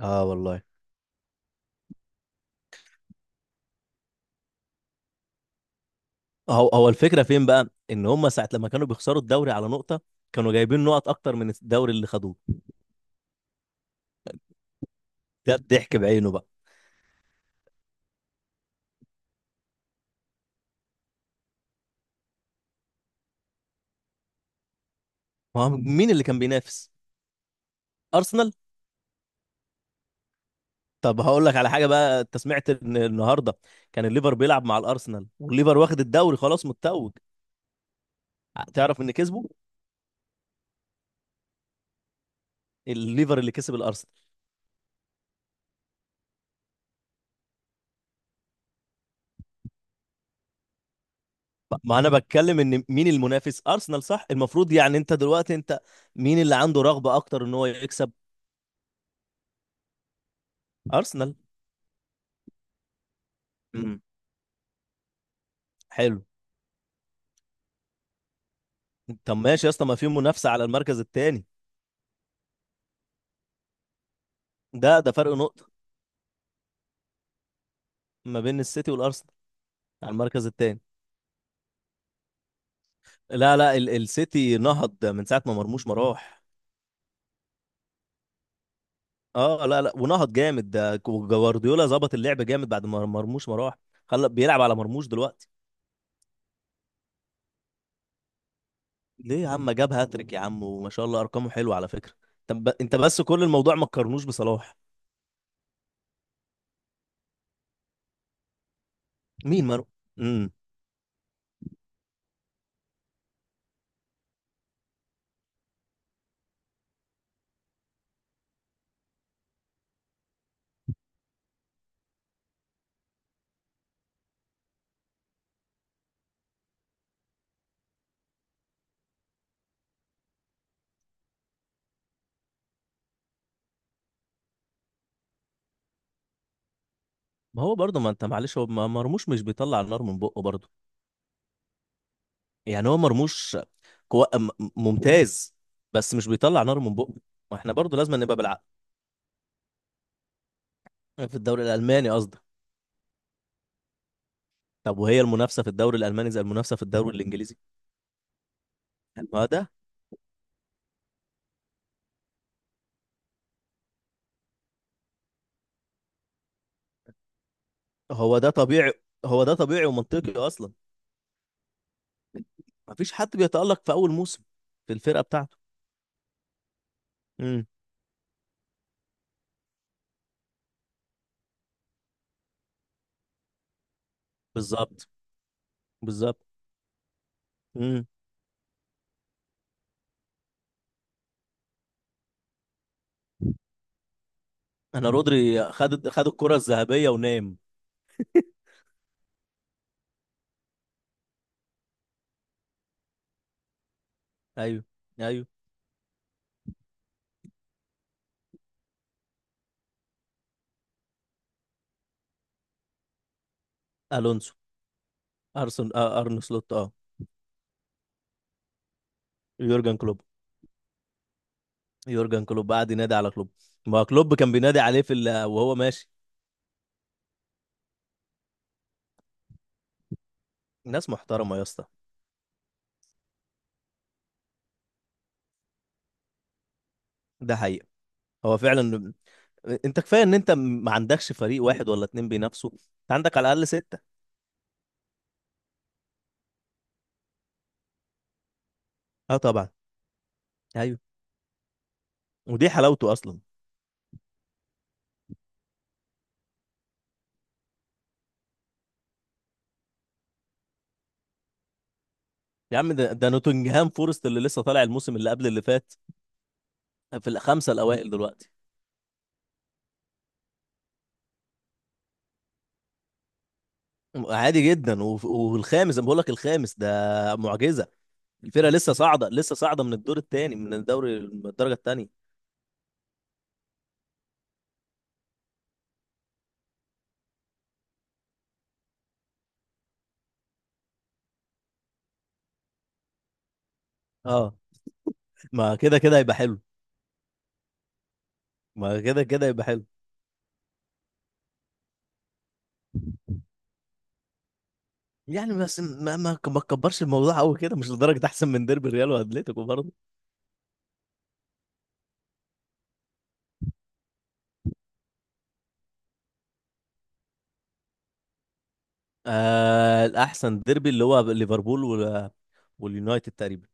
اه والله. هو الفكره فين بقى ان هم ساعه لما كانوا بيخسروا الدوري على نقطه، كانوا جايبين نقط اكتر من الدوري اللي خدوه. ده الضحك بعينه بقى. ما هو مين اللي كان بينافس؟ ارسنال. طب هقول لك على حاجه بقى، انت سمعت ان النهارده كان الليفر بيلعب مع الارسنال، والليفر واخد الدوري خلاص متوج؟ تعرف ان كسبه؟ الليفر اللي كسب الارسنال. ما انا بتكلم ان مين المنافس؟ ارسنال صح؟ المفروض يعني انت دلوقتي، انت مين اللي عنده رغبه اكتر ان هو يكسب؟ ارسنال. امم، حلو. طب ماشي يا اسطى، ما في منافسة على المركز الثاني. ده فرق نقطة ما بين السيتي والأرسنال على المركز الثاني. لا ال السيتي نهض من ساعة ما مرموش ما راح. اه، لا ونهض جامد، ده جوارديولا ظبط اللعب جامد بعد ما مرموش ما راح، خلى بيلعب على مرموش دلوقتي. ليه يا عم؟ جاب هاتريك يا عم، وما شاء الله أرقامه حلوة على فكرة. طب انت بس، كل الموضوع ما تقارنوش بصلاح. مين؟ مرموش. امم. ما هو برضه، ما انت معلش، هو مرموش مش بيطلع النار من بقه برضه. يعني هو مرموش كو... م- ممتاز، بس مش بيطلع نار من بقه. واحنا برضو لازم نبقى بالعقل. في الدوري الالماني قصدي. طب وهي المنافسه في الدوري الالماني زي المنافسه في الدوري الانجليزي؟ ما ده. هو ده طبيعي، هو ده طبيعي ومنطقي اصلا. ما فيش حد بيتالق في اول موسم في الفرقه بتاعته. امم. بالظبط. بالظبط. امم. انا رودري خد الكره الذهبيه ونام. ايوه. ايوه. الونسو. ارسن آه ارن سلوت، اه. يورجن كلوب. يورجن كلوب قعد ينادي على كلوب. ما هو كلوب كان بينادي عليه وهو ماشي. ناس محترمه يا اسطى. ده حقيقه. هو فعلا. انت كفايه ان انت ما عندكش فريق واحد ولا اتنين بينافسوا، انت عندك على الاقل سته. اه طبعا. ايوه. ودي حلاوته اصلا. يا عم ده نوتنجهام فورست اللي لسه طالع الموسم اللي قبل اللي فات، في الخمسه الاوائل دلوقتي. عادي جدا. والخامس انا بقول لك الخامس ده معجزه. الفرقه لسه صاعده، لسه صاعده من الدور الثاني، من الدوري من الدرجه الثانيه. اه ما كده كده هيبقى حلو. ما كده كده يبقى حلو. يعني بس ما تكبرش الموضوع قوي كده، مش لدرجه احسن من ديربي الريال واتليتيكو برضه. آه الاحسن ديربي اللي هو ليفربول واليونايتد تقريبا.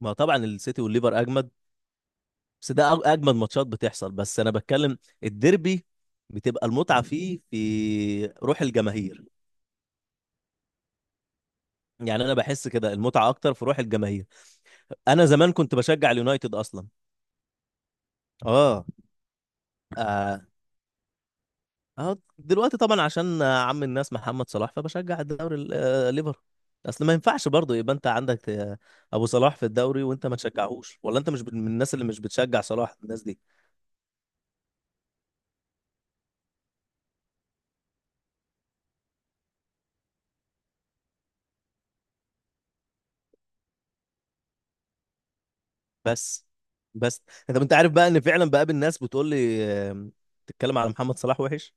ما طبعا السيتي والليفر اجمد، بس ده اجمد ماتشات بتحصل، بس انا بتكلم الديربي بتبقى المتعه فيه في روح الجماهير. يعني انا بحس كده المتعه اكتر في روح الجماهير. انا زمان كنت بشجع اليونايتد اصلا. اه. آه اه دلوقتي طبعا عشان عم الناس محمد صلاح، فبشجع الدوري ليفر. اصل ما ينفعش برضه يبقى انت عندك ابو صلاح في الدوري وانت ما تشجعهوش، ولا انت مش من الناس اللي مش بتشجع صلاح، الناس دي. بس، بس انت، انت عارف بقى ان فعلا بقابل ناس بتقول لي تتكلم على محمد صلاح وحش.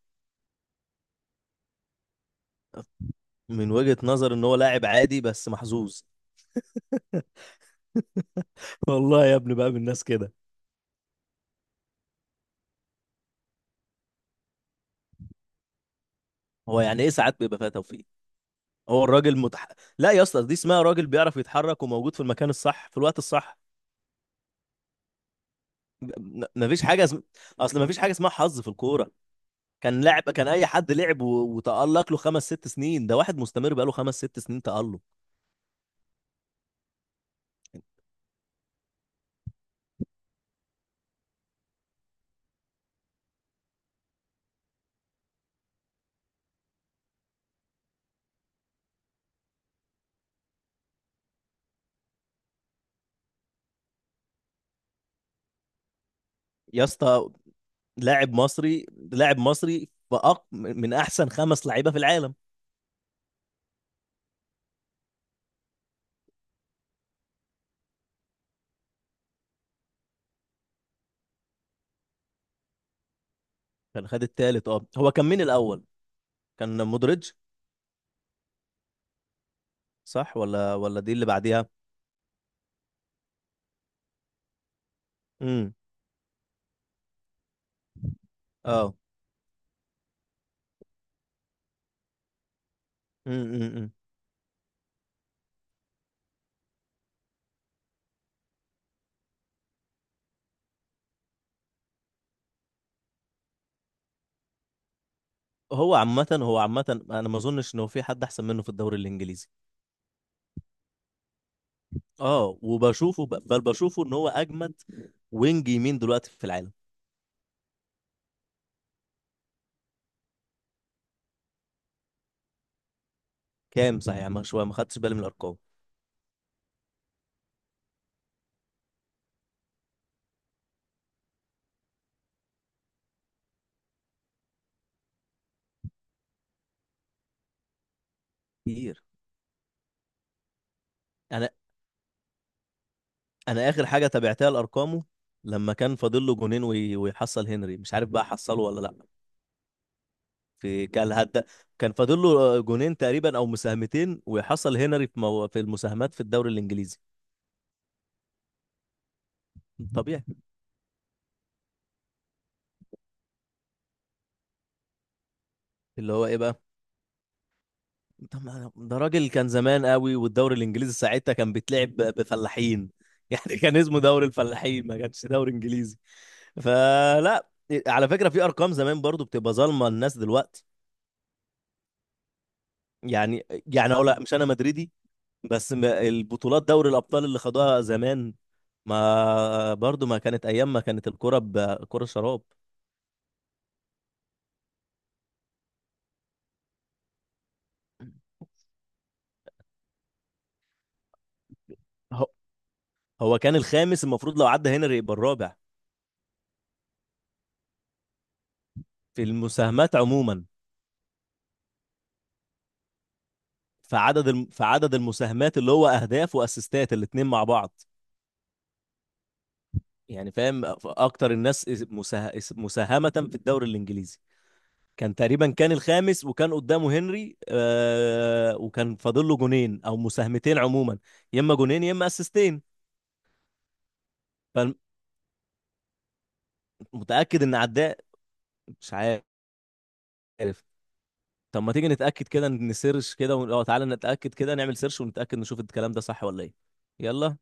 من وجهة نظر ان هو لاعب عادي بس محظوظ. والله يا ابني بقى، من الناس كده. هو يعني ايه ساعات بيبقى فيها توفيق؟ هو الراجل متح... لا يا اسطى، دي اسمها راجل بيعرف يتحرك وموجود في المكان الصح في الوقت الصح. م- مفيش حاجه اسم... اصل مفيش حاجه اسمها حظ في الكوره. كان اي حد لعب وتألق له خمس ست سنين، ده واحد مستمر بقاله خمس ست سنين تألق. يا اسطى، لاعب مصري لاعب مصري من احسن خمس لعيبه في العالم. كان خد التالت، اه. هو كان مين الاول؟ كان مودريتش. صح؟ ولا دي اللي بعديها؟ امم. اه. امم. أمم، أمم. هو عامه انا ما اظنش ان هو في حد احسن منه في الدوري الانجليزي. اه وبشوفه ب- بل بشوفه ان هو اجمد وينج يمين دلوقتي في العالم. كام؟ صحيح ما شويه ما خدتش بالي من الارقام. كتير. انا انا اخر حاجه تابعتها لارقامه لما كان فاضل له جونين ويحصل هنري، مش عارف بقى حصله ولا لا. في كان هدا. كان فاضل له جونين تقريبا او مساهمتين ويحصل هنري في المساهمات في الدوري الانجليزي. طبيعي. اللي هو ايه بقى؟ طب ما أنا- ده راجل كان زمان قوي، والدوري الانجليزي ساعتها كان بيتلعب بفلاحين. يعني كان اسمه دوري الفلاحين، ما كانش دوري انجليزي. فلا، على فكره في ارقام زمان برضو بتبقى ظالمه الناس دلوقتي. يعني يعني اقول لأ، مش انا مدريدي، بس البطولات دوري الابطال اللي خدوها زمان، ما برضو ما كانت ايام، ما كانت الكره بكره شراب. هو هو كان الخامس المفروض، لو عدى هنري يبقى الرابع. في المساهمات عموما. في عدد المساهمات، اللي هو اهداف واسيستات الاثنين مع بعض. يعني فاهم، اكتر الناس مساهمة في الدوري الانجليزي. كان تقريبا كان الخامس، وكان قدامه هنري آه، وكان فاضل له جونين او مساهمتين عموما. يا اما جونين يا اما اسيستين. فمتاكد ان عداه. مش عارف. طب ما تيجي نتاكد كده، نسيرش كده ون... اه تعالى نتاكد كده، نعمل سيرش ونتاكد، نشوف الكلام ده صح ولا ايه. يلا.